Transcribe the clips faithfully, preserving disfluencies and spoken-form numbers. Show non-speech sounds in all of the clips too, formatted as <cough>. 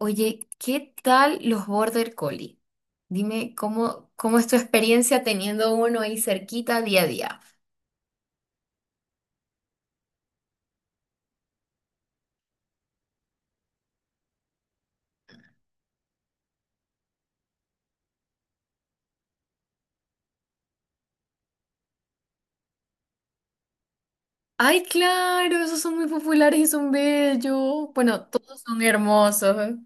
Oye, ¿qué tal los Border Collie? Dime cómo, cómo es tu experiencia teniendo uno ahí cerquita día a día. Ay, claro, esos son muy populares y son bellos. Bueno, todos son hermosos. ¿Eh?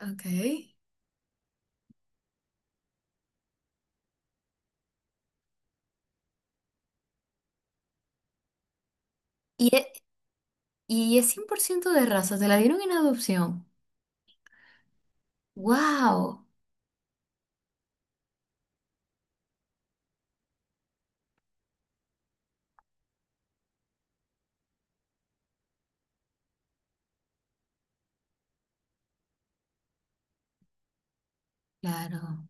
Ok. Y es, y es cien por ciento de raza, te la dieron en adopción. ¡Wow! Claro.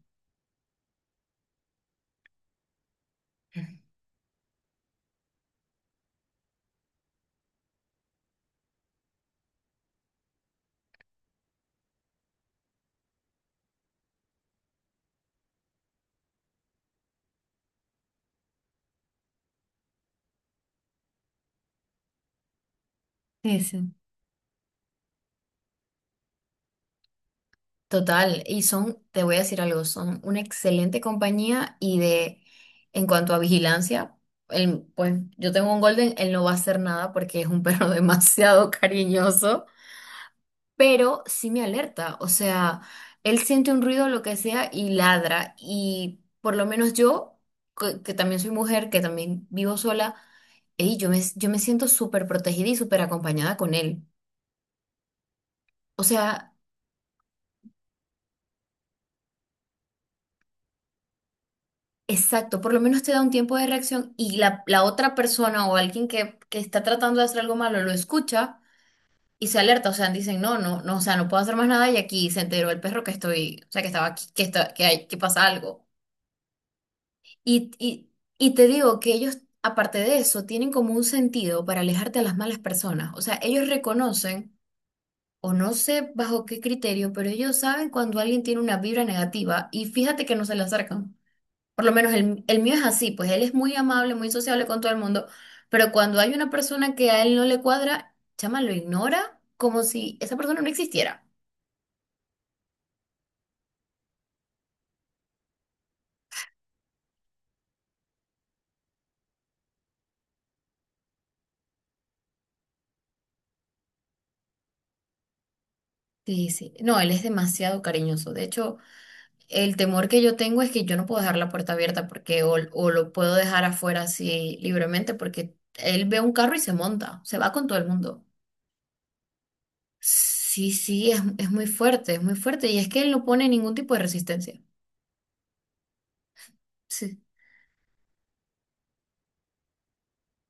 Sí, sí. Total, y son, te voy a decir algo, son una excelente compañía y de, en cuanto a vigilancia, el, pues yo tengo un Golden, él no va a hacer nada porque es un perro <laughs> demasiado cariñoso, pero sí me alerta, o sea, él siente un ruido, lo que sea, y ladra, y por lo menos yo, que, que también soy mujer, que también vivo sola, ey, yo me, yo me siento súper protegida y súper acompañada con él. O sea... Exacto, por lo menos te da un tiempo de reacción y la, la otra persona o alguien que, que está tratando de hacer algo malo lo escucha y se alerta, o sea, dicen, no, no, no, o sea, no puedo hacer más nada y aquí se enteró el perro que estoy, o sea, que estaba aquí, que, está, que, hay, que pasa algo. Y, y, y te digo que ellos, aparte de eso, tienen como un sentido para alejarte a las malas personas, o sea, ellos reconocen, o no sé bajo qué criterio, pero ellos saben cuando alguien tiene una vibra negativa y fíjate que no se le acercan. Por lo menos el, el mío es así, pues él es muy amable, muy sociable con todo el mundo, pero cuando hay una persona que a él no le cuadra, chama, lo ignora como si esa persona no existiera. Sí, sí. No, él es demasiado cariñoso. De hecho, el temor que yo tengo es que yo no puedo dejar la puerta abierta porque o, o lo puedo dejar afuera así libremente porque él ve un carro y se monta, se va con todo el mundo. Sí, sí, es, es muy fuerte, es muy fuerte y es que él no pone ningún tipo de resistencia. Sí,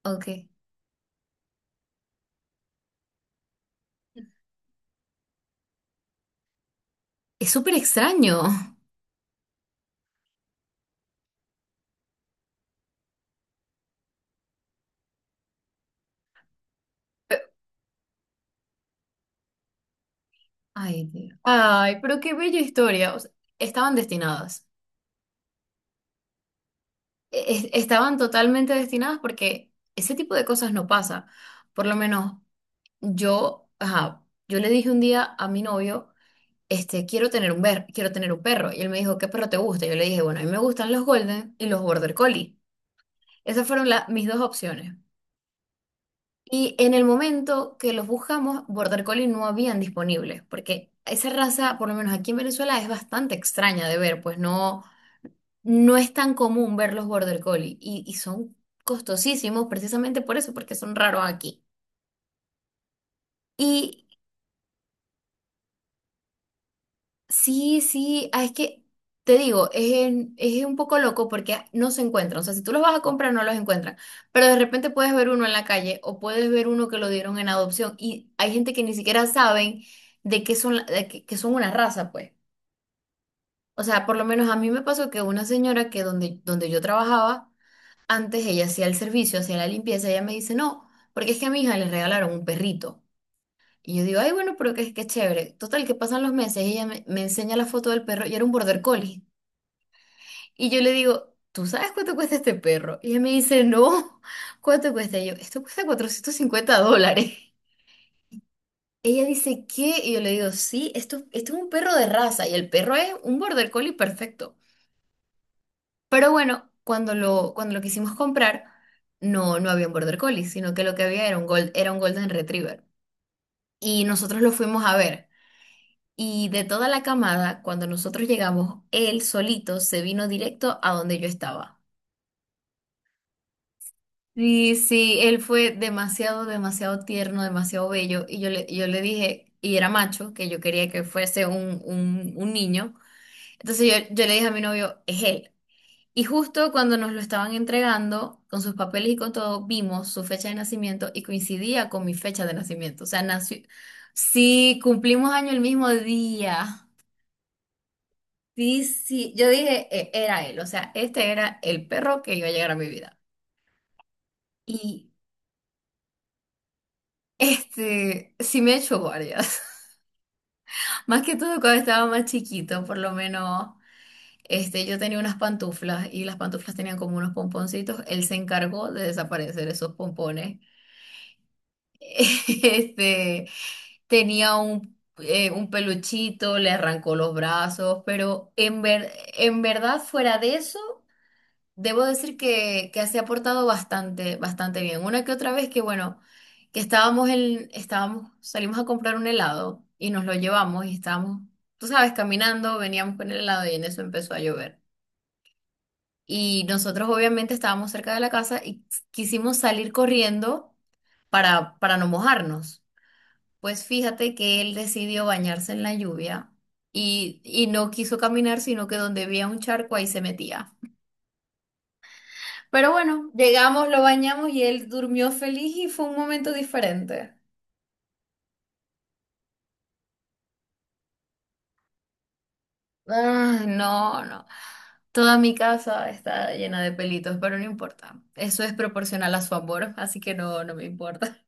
ok. Es súper extraño. Ay, Dios. Ay, pero qué bella historia. O sea, estaban destinadas. E- e- estaban totalmente destinadas porque ese tipo de cosas no pasa. Por lo menos yo, ajá, yo le dije un día a mi novio, este, quiero tener un ver- quiero tener un perro. Y él me dijo, ¿qué perro te gusta? Yo le dije, bueno, a mí me gustan los Golden y los Border Collie. Esas fueron la- mis dos opciones. Y en el momento que los buscamos, Border Collie no habían disponibles, porque esa raza, por lo menos aquí en Venezuela, es bastante extraña de ver, pues no. No es tan común ver los border collie y, y son costosísimos precisamente por eso, porque son raros aquí. Y sí, sí, ah, es que te digo, es, en- es un poco loco porque no se encuentran. O sea, si tú los vas a comprar, no los encuentran. Pero de repente puedes ver uno en la calle o puedes ver uno que lo dieron en adopción y hay gente que ni siquiera saben de qué son, la- de que, que, son una raza, pues. O sea, por lo menos a mí me pasó que una señora que donde, donde yo trabajaba, antes ella hacía el servicio, hacía la limpieza, ella me dice, no, porque es que a mi hija le regalaron un perrito. Y yo digo, ay, bueno, pero qué, qué chévere. Total, que pasan los meses y ella me, me enseña la foto del perro y era un border collie. Y yo le digo, ¿tú sabes cuánto cuesta este perro? Y ella me dice, no, ¿cuánto cuesta? Y yo, esto cuesta cuatrocientos cincuenta dólares. Ella dice, ¿qué? Y yo le digo, sí, esto, esto es un perro de raza y el perro es un border collie perfecto. Pero bueno, cuando lo, cuando lo quisimos comprar, no, no había un Border Collie, sino que lo que había era un Gold, era un Golden Retriever. Y nosotros lo fuimos a ver. Y de toda la camada, cuando nosotros llegamos, él solito se vino directo a donde yo estaba. Y sí, él fue demasiado, demasiado tierno, demasiado bello. Y yo le, yo le dije, y era macho, que yo quería que fuese un, un, un niño. Entonces yo, yo le dije a mi novio, es él. Y justo cuando nos lo estaban entregando, con sus papeles y con todo, vimos su fecha de nacimiento y coincidía con mi fecha de nacimiento. O sea, nació... Sí, cumplimos año el mismo día. Sí, sí. Yo dije, "E- era él. O sea, este era el perro que iba a llegar a mi vida. Y este, sí me he hecho guardias. <laughs> Más que todo cuando estaba más chiquito, por lo menos, este, yo tenía unas pantuflas y las pantuflas tenían como unos pomponcitos. Él se encargó de desaparecer esos pompones. <laughs> Este, tenía un, eh, un peluchito, le arrancó los brazos, pero en ver- en verdad, fuera de eso, debo decir que, que, se ha portado bastante, bastante bien. Una que otra vez que, bueno, que estábamos en, estábamos, salimos a comprar un helado y nos lo llevamos y estábamos, tú sabes, caminando, veníamos con el helado y en eso empezó a llover. Y nosotros obviamente estábamos cerca de la casa y quisimos salir corriendo para, para no mojarnos. Pues fíjate que él decidió bañarse en la lluvia y, y no quiso caminar, sino que donde había un charco ahí se metía. Pero bueno, llegamos, lo bañamos y él durmió feliz y fue un momento diferente. Ah, no, no. Toda mi casa está llena de pelitos, pero no importa. Eso es proporcional a su amor, así que no, no me importa.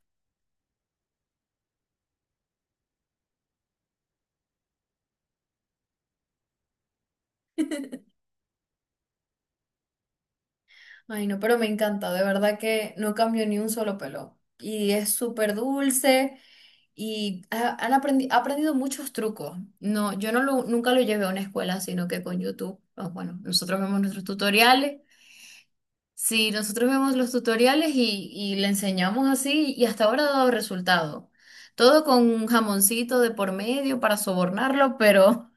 Ay, no, pero me encanta, de verdad que no cambió ni un solo pelo. Y es súper dulce y ha- han aprendi- ha aprendido muchos trucos. No, yo no lo, nunca lo llevé a una escuela, sino que con YouTube, pues, bueno, nosotros vemos nuestros tutoriales. Sí, nosotros vemos los tutoriales y, y le enseñamos así y hasta ahora ha dado resultado. Todo con un jamoncito de por medio para sobornarlo, pero,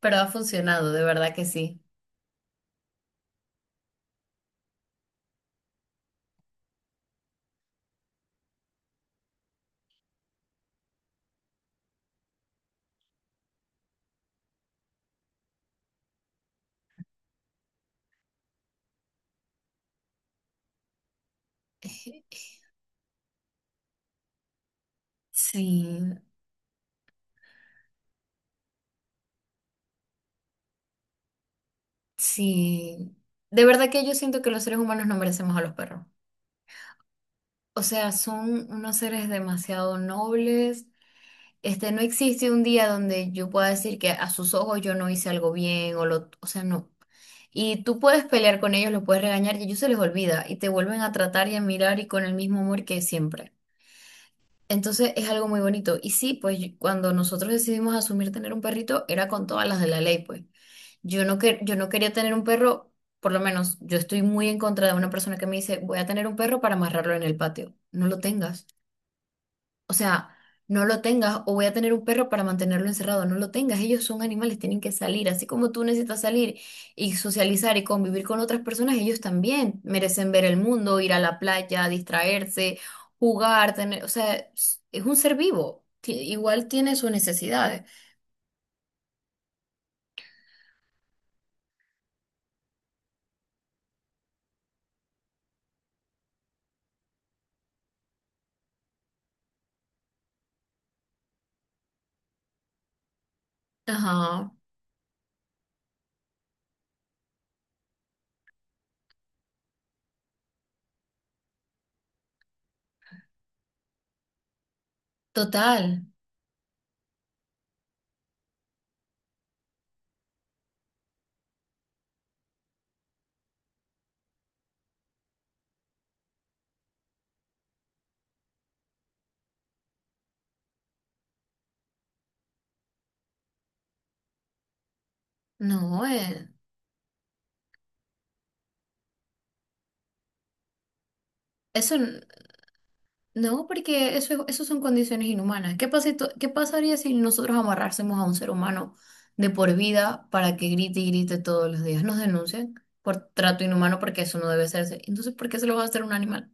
pero ha funcionado, de verdad que sí. <laughs> Sí, sí, de verdad que yo siento que los seres humanos no merecemos a los perros. O sea, son unos seres demasiado nobles. Este, no existe un día donde yo pueda decir que a sus ojos yo no hice algo bien o lo, o sea, no. Y tú puedes pelear con ellos, los puedes regañar y a ellos se les olvida y te vuelven a tratar y a mirar y con el mismo amor que siempre. Entonces es algo muy bonito. Y sí, pues cuando nosotros decidimos asumir tener un perrito, era con todas las de la ley, pues. Yo no, que- yo no quería tener un perro, por lo menos yo estoy muy en contra de una persona que me dice, voy a tener un perro para amarrarlo en el patio. No lo tengas. O sea, no lo tengas o voy a tener un perro para mantenerlo encerrado. No lo tengas. Ellos son animales, tienen que salir. Así como tú necesitas salir y socializar y convivir con otras personas, ellos también merecen ver el mundo, ir a la playa, distraerse, jugar, tener, o sea, es es un ser vivo. Ti- Igual tiene sus necesidades. Ajá, total. No, eh, eso. No, porque eso, es- eso son condiciones inhumanas. ¿Qué pasa, si to- qué pasaría si nosotros amarrásemos a un ser humano de por vida para que grite y grite todos los días? Nos denuncian por trato inhumano porque eso no debe hacerse. Entonces, ¿por qué se lo va a hacer a un animal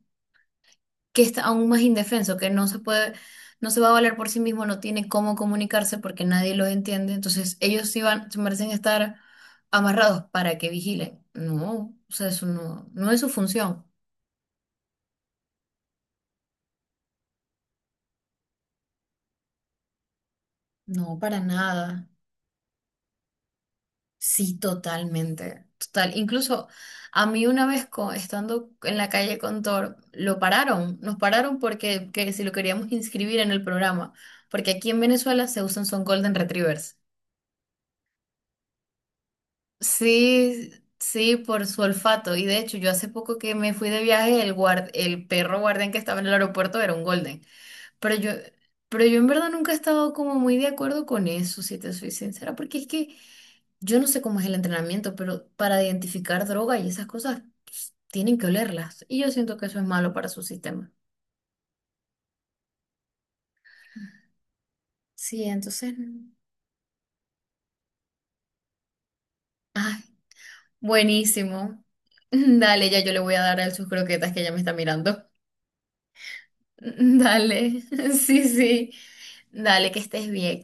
que está aún más indefenso, que no se puede, no se va a valer por sí mismo, no tiene cómo comunicarse porque nadie los entiende? Entonces, ellos sí van, se merecen estar amarrados para que vigilen. No, o sea, eso no, no es su función. No, para nada. Sí, totalmente, total. Incluso a mí una vez co- estando en la calle con Thor, lo pararon, nos pararon porque que si lo queríamos inscribir en el programa, porque aquí en Venezuela se usan son Golden Retrievers. Sí, sí, por su olfato. Y de hecho, yo hace poco que me fui de viaje, el guard, el perro guardián que estaba en el aeropuerto era un Golden. Pero yo, pero yo en verdad nunca he estado como muy de acuerdo con eso, si te soy sincera, porque es que yo no sé cómo es el entrenamiento, pero para identificar droga y esas cosas pues, tienen que olerlas. Y yo siento que eso es malo para su sistema. Sí, entonces, ay, buenísimo. <laughs> Dale, ya yo le voy a dar a él sus croquetas que ya me está mirando. <laughs> Dale, <laughs> sí, sí. Dale, que estés bien.